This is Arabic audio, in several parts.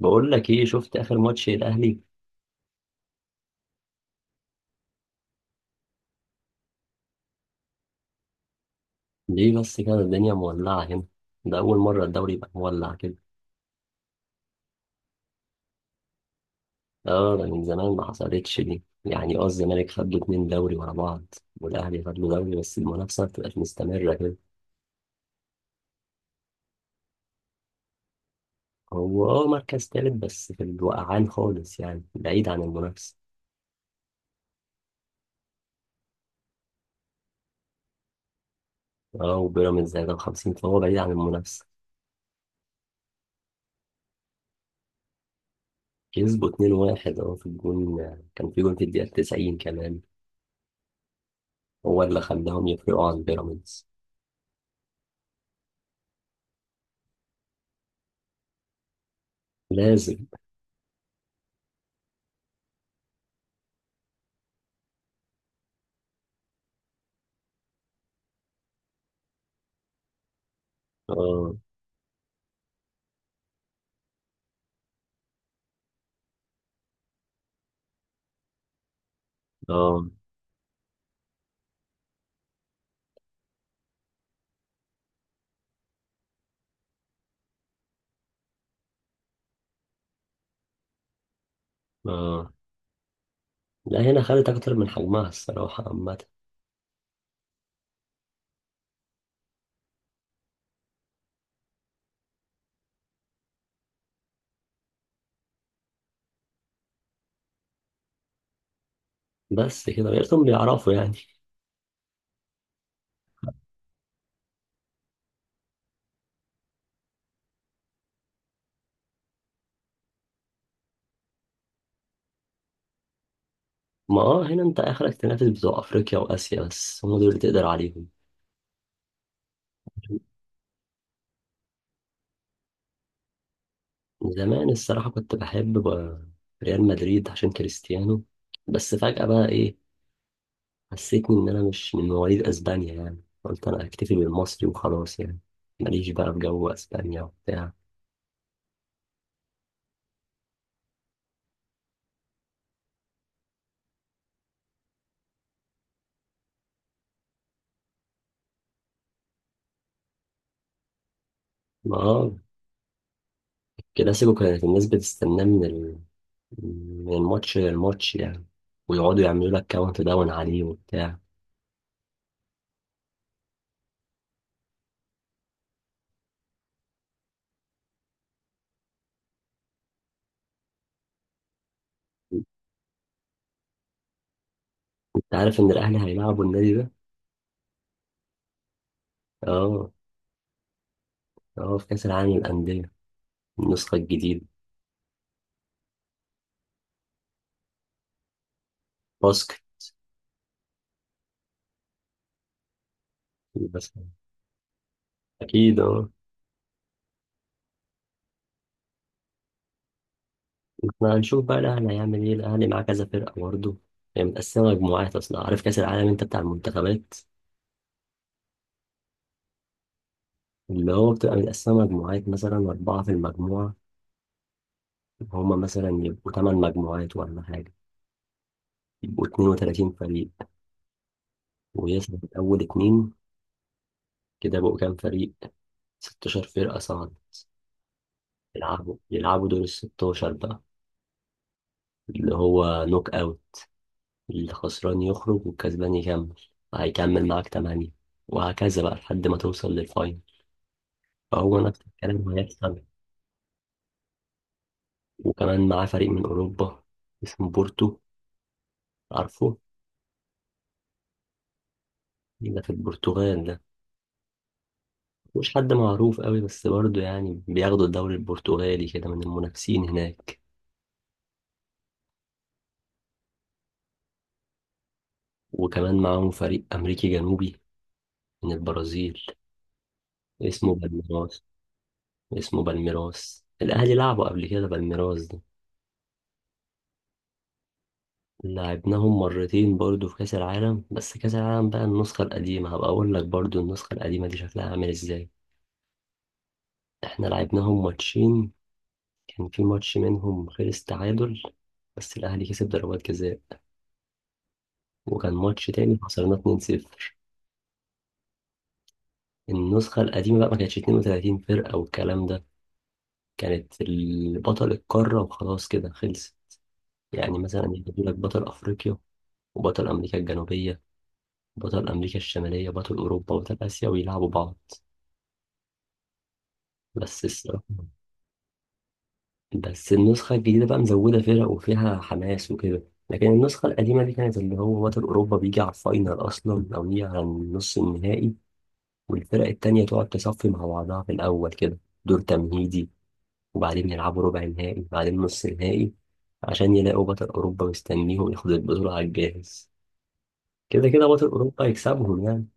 بقول لك ايه، شفت اخر ماتش الاهلي؟ ليه بس كده الدنيا مولعه هنا؟ ده اول مره الدوري يبقى مولع كده. اه ده من زمان ما حصلتش دي، يعني اه الزمالك خد له اتنين دوري ورا بعض، والاهلي خد له دوري بس المنافسه ما بتبقاش مستمره كده. هو اه مركز تالت بس في الوقعان خالص، يعني بعيد عن المنافسه. اه وبيراميدز زي ده 50، فهو بعيد عن المنافسه. كسبوا 2-1، اه في الجون. كان في جون في الدقيقه 90 كمان. هو اللي خلاهم يفرقوا عن بيراميدز. لازم. اه. اه. آه. لا، هنا خدت أكتر من حجمها الصراحة عامة. بس كده غيرتهم بيعرفوا يعني. ما اه هنا انت اخرك تنافس بتوع افريقيا واسيا، بس هم دول اللي تقدر عليهم. زمان الصراحة كنت بحب ريال مدريد عشان كريستيانو. بس فجأة بقى ايه، حسيتني ان انا مش من مواليد اسبانيا، يعني قلت انا اكتفي بالمصري وخلاص يعني. ماليش بقى في جو اسبانيا وبتاع. ما اه كلاسيكو كانت الناس بتستناه من الماتش للماتش يعني. ويقعدوا يعملوا لك كاونت داون عليه وبتاع. كنت عارف ان الاهلي هيلعبوا النادي ده. اه. اه في كاس العالم للانديه، النسخه الجديده. باسكت. بس اكيد اه. احنا هنشوف بقى الاهلي هيعمل ايه. الاهلي معاه كذا فرقه برضه. هي متقسمه مجموعات اصلا، عارف كاس العالم انت بتاع المنتخبات؟ اللي هو بتبقى متقسمه مجموعات، مثلا اربعه في المجموعه. هما مثلا يبقوا ثمان مجموعات ولا حاجه. يبقوا 32 فريق، ويصعد اول اتنين. كده بقوا كام فريق؟ 16 فرقة صعدت. يلعبوا دور ال 16 بقى، اللي هو نوك أوت. الخسران يخرج والكسبان يكمل. هيكمل معاك 8، وهكذا بقى لحد ما توصل للفاينل. فهو نفس الكلام هيحصل. وكمان معاه فريق من أوروبا، اسمه بورتو. عارفه؟ ده في البرتغال ده. مش حد معروف قوي، بس برضه يعني بياخدوا الدوري البرتغالي كده من المنافسين هناك. وكمان معاهم فريق أمريكي جنوبي من البرازيل، اسمه بالميراس. اسمه بالميراس، الأهلي لعبوا قبل كده بالميراس ده. لعبناهم مرتين برضو في كأس العالم، بس كأس العالم بقى النسخة القديمة، هبقى أقول لك برضو النسخة القديمة دي شكلها عامل إزاي. إحنا لعبناهم ماتشين. كان في ماتش منهم خلص تعادل، بس الأهلي كسب ضربات جزاء. وكان ماتش تاني خسرنا 2-0. النسخة القديمة بقى ما كانتش 32 فرقة والكلام ده. كانت بطل القارة وخلاص كده خلصت. يعني مثلا يجيبوا لك بطل أفريقيا، وبطل أمريكا الجنوبية، بطل أمريكا الشمالية، بطل أوروبا، بطل آسيا، ويلعبوا بعض. بس الصراحة، بس النسخة الجديدة بقى مزودة فرق وفيها حماس وكده. لكن النسخة القديمة دي كانت اللي هو بطل أوروبا بيجي على الفاينل أصلا، أو يجي على النص النهائي. والفرق التانية تقعد تصفي مع بعضها في الأول كده، دور تمهيدي. وبعدين يلعبوا ربع نهائي، بعدين نص نهائي، عشان يلاقوا بطل أوروبا مستنيهم ياخد البطولة على الجاهز. كده كده بطل أوروبا يكسبهم يعني.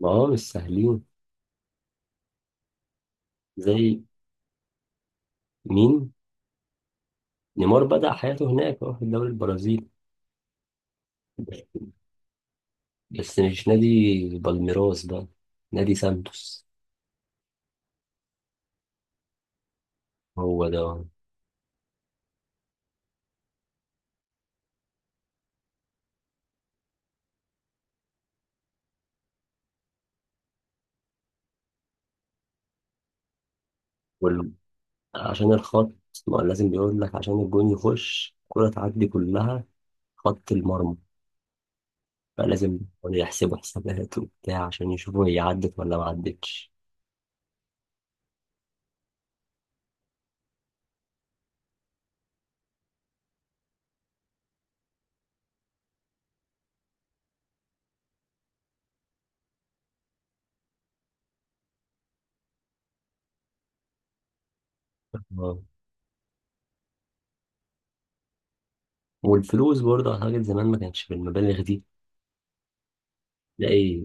ما هو مش سهلين. زي مين؟ نيمار بدأ حياته هناك، اه في الدوري البرازيلي. بس مش نادي بالميراس ده، نادي سانتوس. هو ده. وال- عشان الخط. ما هو لازم بيقول لك عشان الجون يخش الكرة تعدي كلها، خط المرمى، فلازم يحسبوا حسابات وبتاع عشان يشوفوا هي عدت ولا ما عدتش. اه. والفلوس برضه أعتقد زمان ما كانش بالمبالغ دي. تلاقي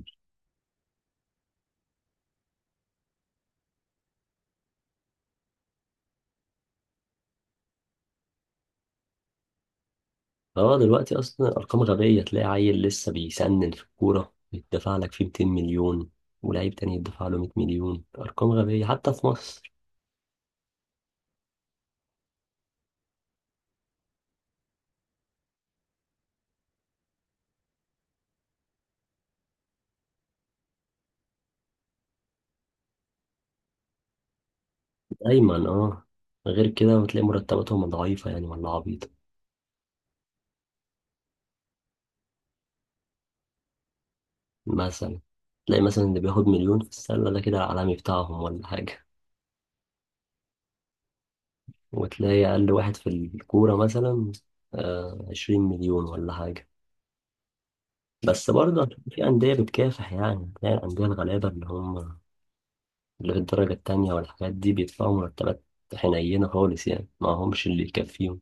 اه دلوقتي اصلا ارقام غبيه، تلاقي عيل لسه بيسنن في الكوره يدفع لك فيه 200 مليون، ولاعيب تاني يدفع له 100 مليون، ارقام غبيه حتى في مصر. دايما اه غير كده بتلاقي مرتباتهم ضعيفه يعني ولا عبيطه. مثلا تلاقي مثلا اللي بياخد مليون في السله ده كده العالمي بتاعهم ولا حاجه. وتلاقي اقل واحد في الكوره مثلا آه 20 مليون ولا حاجه. بس برضه في انديه بتكافح، يعني تلاقي الانديه الغلابه اللي هم اللي في الدرجة التانية والحاجات دي، بيدفعوا مرتبات حنينة خالص، يعني ما همش اللي يكفيهم.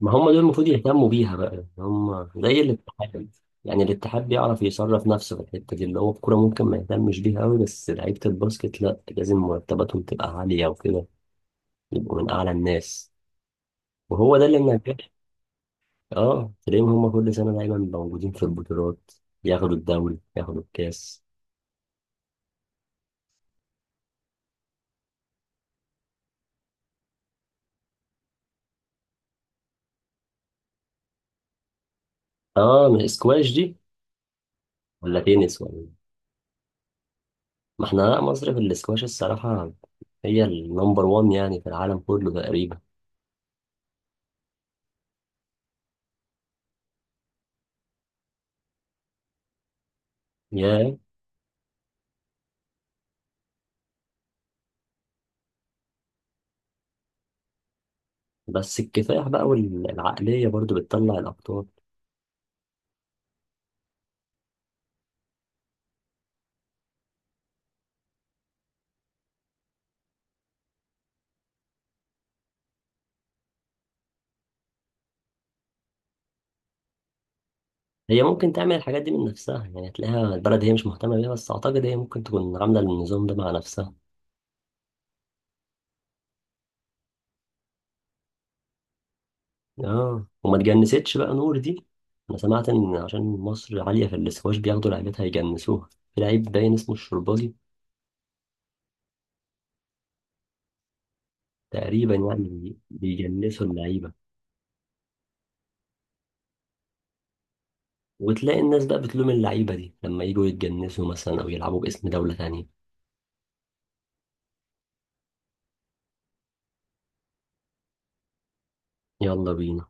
ما هم دول المفروض يهتموا بيها بقى، يعني هم زي الاتحاد. يعني الاتحاد بيعرف يصرف نفسه في الحتة دي، اللي هو الكورة ممكن ما يهتمش بيها قوي، بس لعيبة الباسكت لا، لازم مرتباتهم تبقى عالية وكده، يبقوا من أعلى الناس. وهو ده اللي منجح. اه تلاقيهم هم كل سنة دايما موجودين في البطولات، ياخدوا الدوري ياخدوا الكاس. اه من الاسكواش دي. ولا تنس، ولا؟ ما احنا لا، مصر في الاسكواش الصراحة هي النمبر وان، يعني في العالم كله تقريبا. يا. بس الكفاح بقى والعقلية برضو بتطلع الأبطال. هي ممكن تعمل الحاجات دي من نفسها، يعني تلاقيها البلد هي مش مهتمة بيها، بس أعتقد هي ممكن تكون عاملة النظام ده مع نفسها. اه وما تجنستش بقى نور دي. أنا سمعت إن عشان مصر عالية في الاسكواش بياخدوا لعيبتها يجنسوها. في لعيب باين اسمه الشربالي، تقريبا يعني بيجنسوا اللعيبة. وتلاقي الناس بقى بتلوم اللعيبة دي لما يجوا يتجنسوا مثلا أو يلعبوا باسم دولة تانية. يلا بينا.